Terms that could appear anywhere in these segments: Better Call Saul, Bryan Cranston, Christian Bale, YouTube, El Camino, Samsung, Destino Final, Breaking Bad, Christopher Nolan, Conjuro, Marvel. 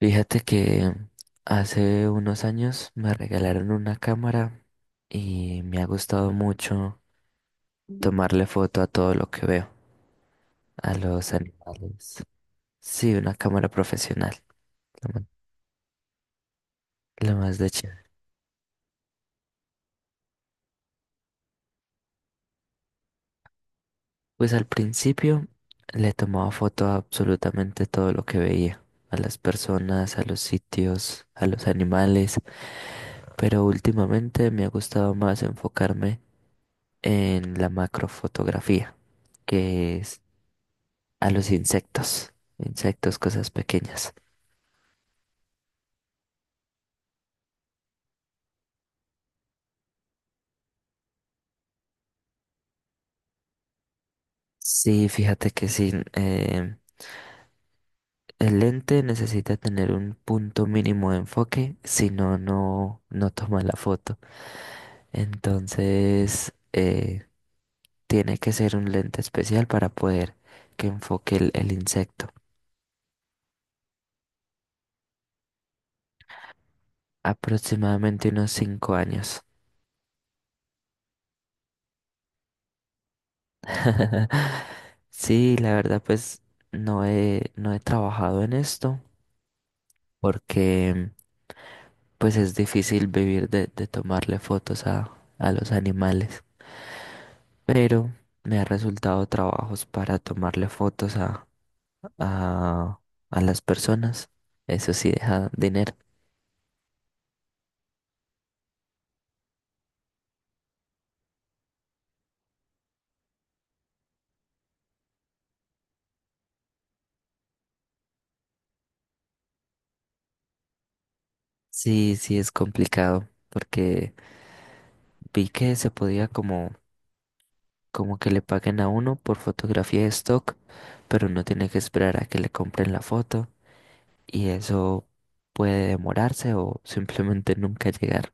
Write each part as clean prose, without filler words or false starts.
Fíjate que hace unos años me regalaron una cámara y me ha gustado mucho tomarle foto a todo lo que veo, a los animales. Sí, una cámara profesional, lo ma- lo más de chévere. Pues al principio le tomaba foto a absolutamente todo lo que veía, a las personas, a los sitios, a los animales, pero últimamente me ha gustado más enfocarme en la macrofotografía, que es. A los insectos, insectos, cosas pequeñas. Sí, fíjate que sí, el lente necesita tener un punto mínimo de enfoque, si no, no toma la foto. Entonces, tiene que ser un lente especial para poder que enfoque el insecto. Aproximadamente unos 5 años. Sí, la verdad, pues no he trabajado en esto porque pues es difícil vivir de tomarle fotos a los animales, pero me ha resultado trabajos para tomarle fotos a, a las personas. Eso sí deja dinero. Sí, sí es complicado porque vi que se podía como que le paguen a uno por fotografía de stock, pero uno tiene que esperar a que le compren la foto y eso puede demorarse o simplemente nunca llegar.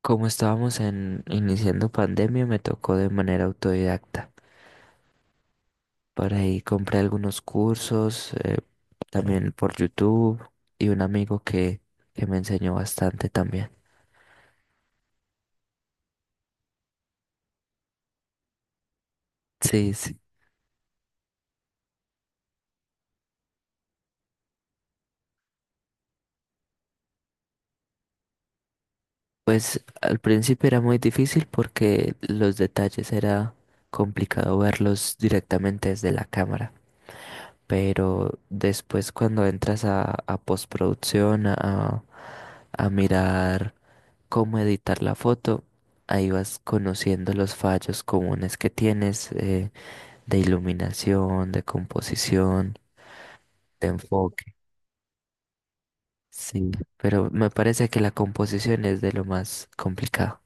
Como estábamos en iniciando pandemia, me tocó de manera autodidacta. Por ahí compré algunos cursos, también por YouTube, y un amigo que me enseñó bastante también. Sí, sí. Pues al principio era muy difícil porque los detalles era complicado verlos directamente desde la cámara. Pero después cuando entras a postproducción, a mirar cómo editar la foto. Ahí vas conociendo los fallos comunes que tienes de iluminación, de composición, de enfoque. Sí, pero me parece que la composición es de lo más complicado.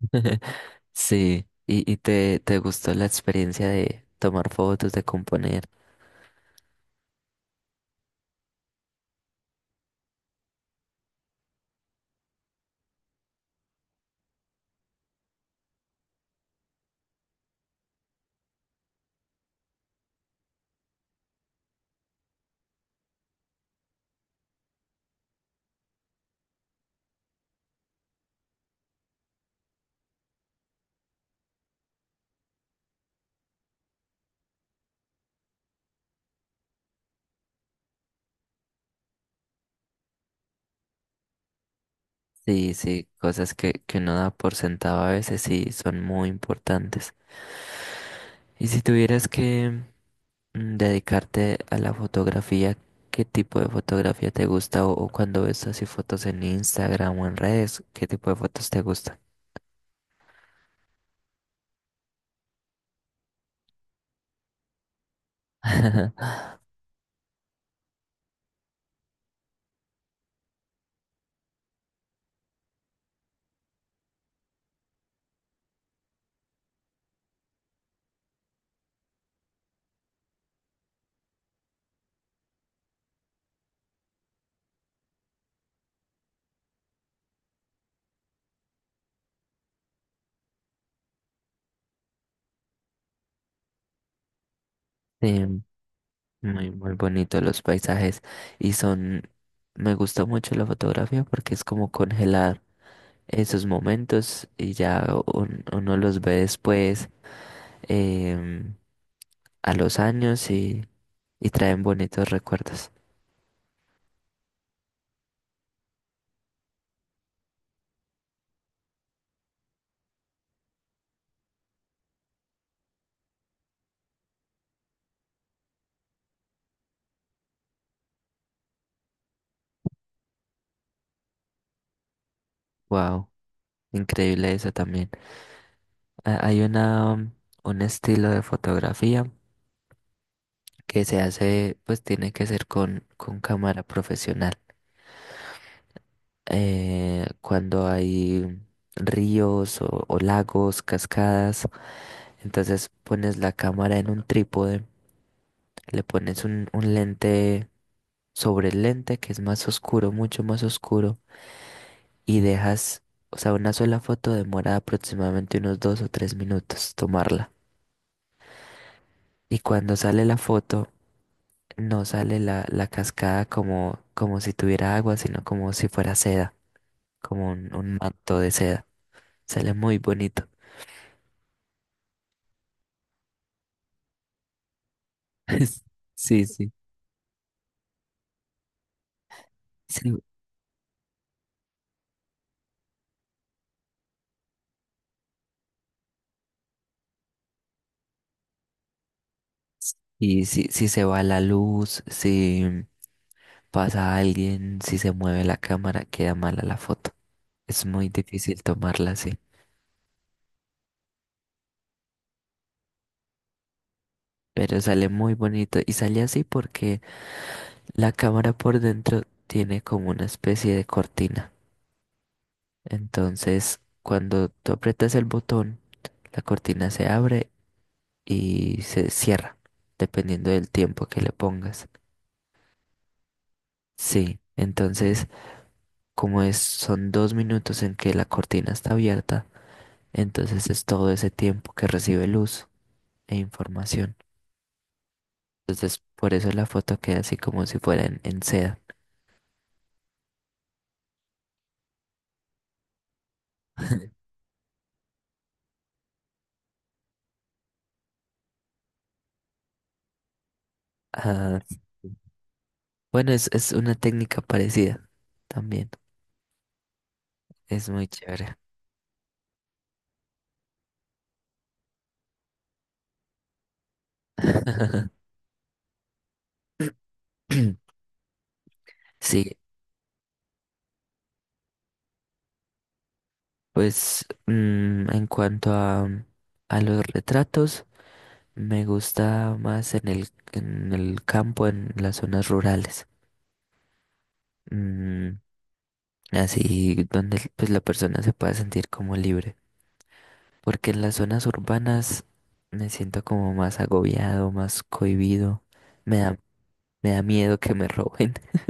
Sí, y te gustó la experiencia de tomar fotos, de componer. Sí, sí, cosas que uno da por sentado a veces sí son muy importantes. Y si tuvieras que dedicarte a la fotografía, ¿qué tipo de fotografía te gusta? ¿O, o cuando ves así fotos en Instagram o en redes, qué tipo de fotos te gustan? Sí, muy, muy bonito los paisajes y son, me gusta mucho la fotografía porque es como congelar esos momentos y ya uno los ve después em, a los años y traen bonitos recuerdos. Wow, increíble eso también. Hay una, un estilo de fotografía que se hace, pues tiene que ser con cámara profesional. Cuando hay ríos o lagos, cascadas, entonces pones la cámara en un trípode, le pones un lente sobre el lente que es más oscuro, mucho más oscuro, y dejas, o sea, una sola foto demora aproximadamente unos dos o tres minutos tomarla. Y cuando sale la foto, no sale la cascada como si tuviera agua, sino como si fuera seda, como un manto de seda. Sale muy bonito. Sí, sí. Sí. Y si se va la luz, si pasa alguien, si se mueve la cámara, queda mala la foto. Es muy difícil tomarla así. Pero sale muy bonito y sale así porque la cámara por dentro tiene como una especie de cortina. Entonces, cuando tú aprietas el botón, la cortina se abre y se cierra, dependiendo del tiempo que le pongas. Sí, entonces como es, son dos minutos en que la cortina está abierta, entonces es todo ese tiempo que recibe luz e información. Entonces por eso la foto queda así como si fuera en seda. Ah, bueno, es una técnica parecida también. Es muy chévere. Sí, pues en cuanto a los retratos. Me gusta más en el campo, en las zonas rurales. Mm, así donde pues la persona se pueda sentir como libre. Porque en las zonas urbanas me siento como más agobiado, más cohibido. Me da, me da miedo que me roben.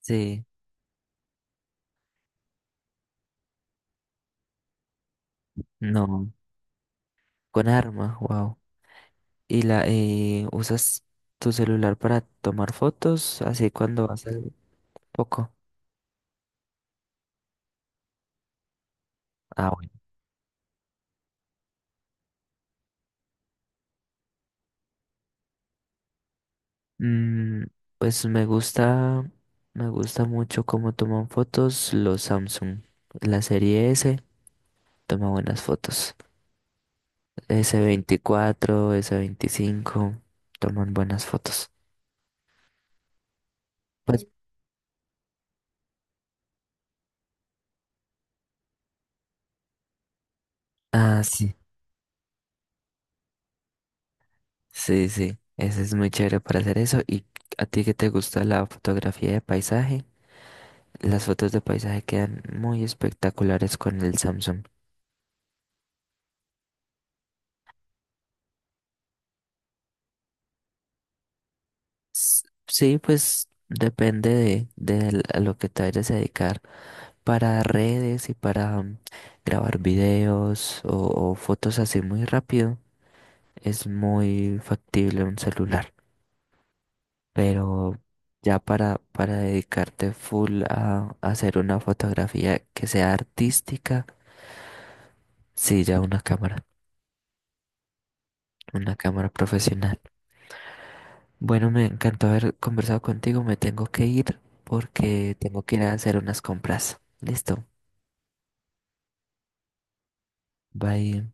Sí, no. Con arma, wow. Y la usas tu celular para tomar fotos así cuando vas al poco. Ah, mm, pues me gusta mucho cómo toman fotos los Samsung. La serie S toma buenas fotos. S24 S25 toman buenas fotos. Pues, ah, sí, sí, sí. Ese es muy chévere para hacer eso. ¿Y a ti que te gusta la fotografía de paisaje? Las fotos de paisaje quedan muy espectaculares con el Samsung. Sí, pues depende de a lo que te vayas a dedicar. Para redes y para grabar videos o fotos así muy rápido, es muy factible un celular. Pero ya para dedicarte full a hacer una fotografía que sea artística, sí, ya una cámara profesional. Bueno, me encantó haber conversado contigo, me tengo que ir porque tengo que ir a hacer unas compras. Listo, bye.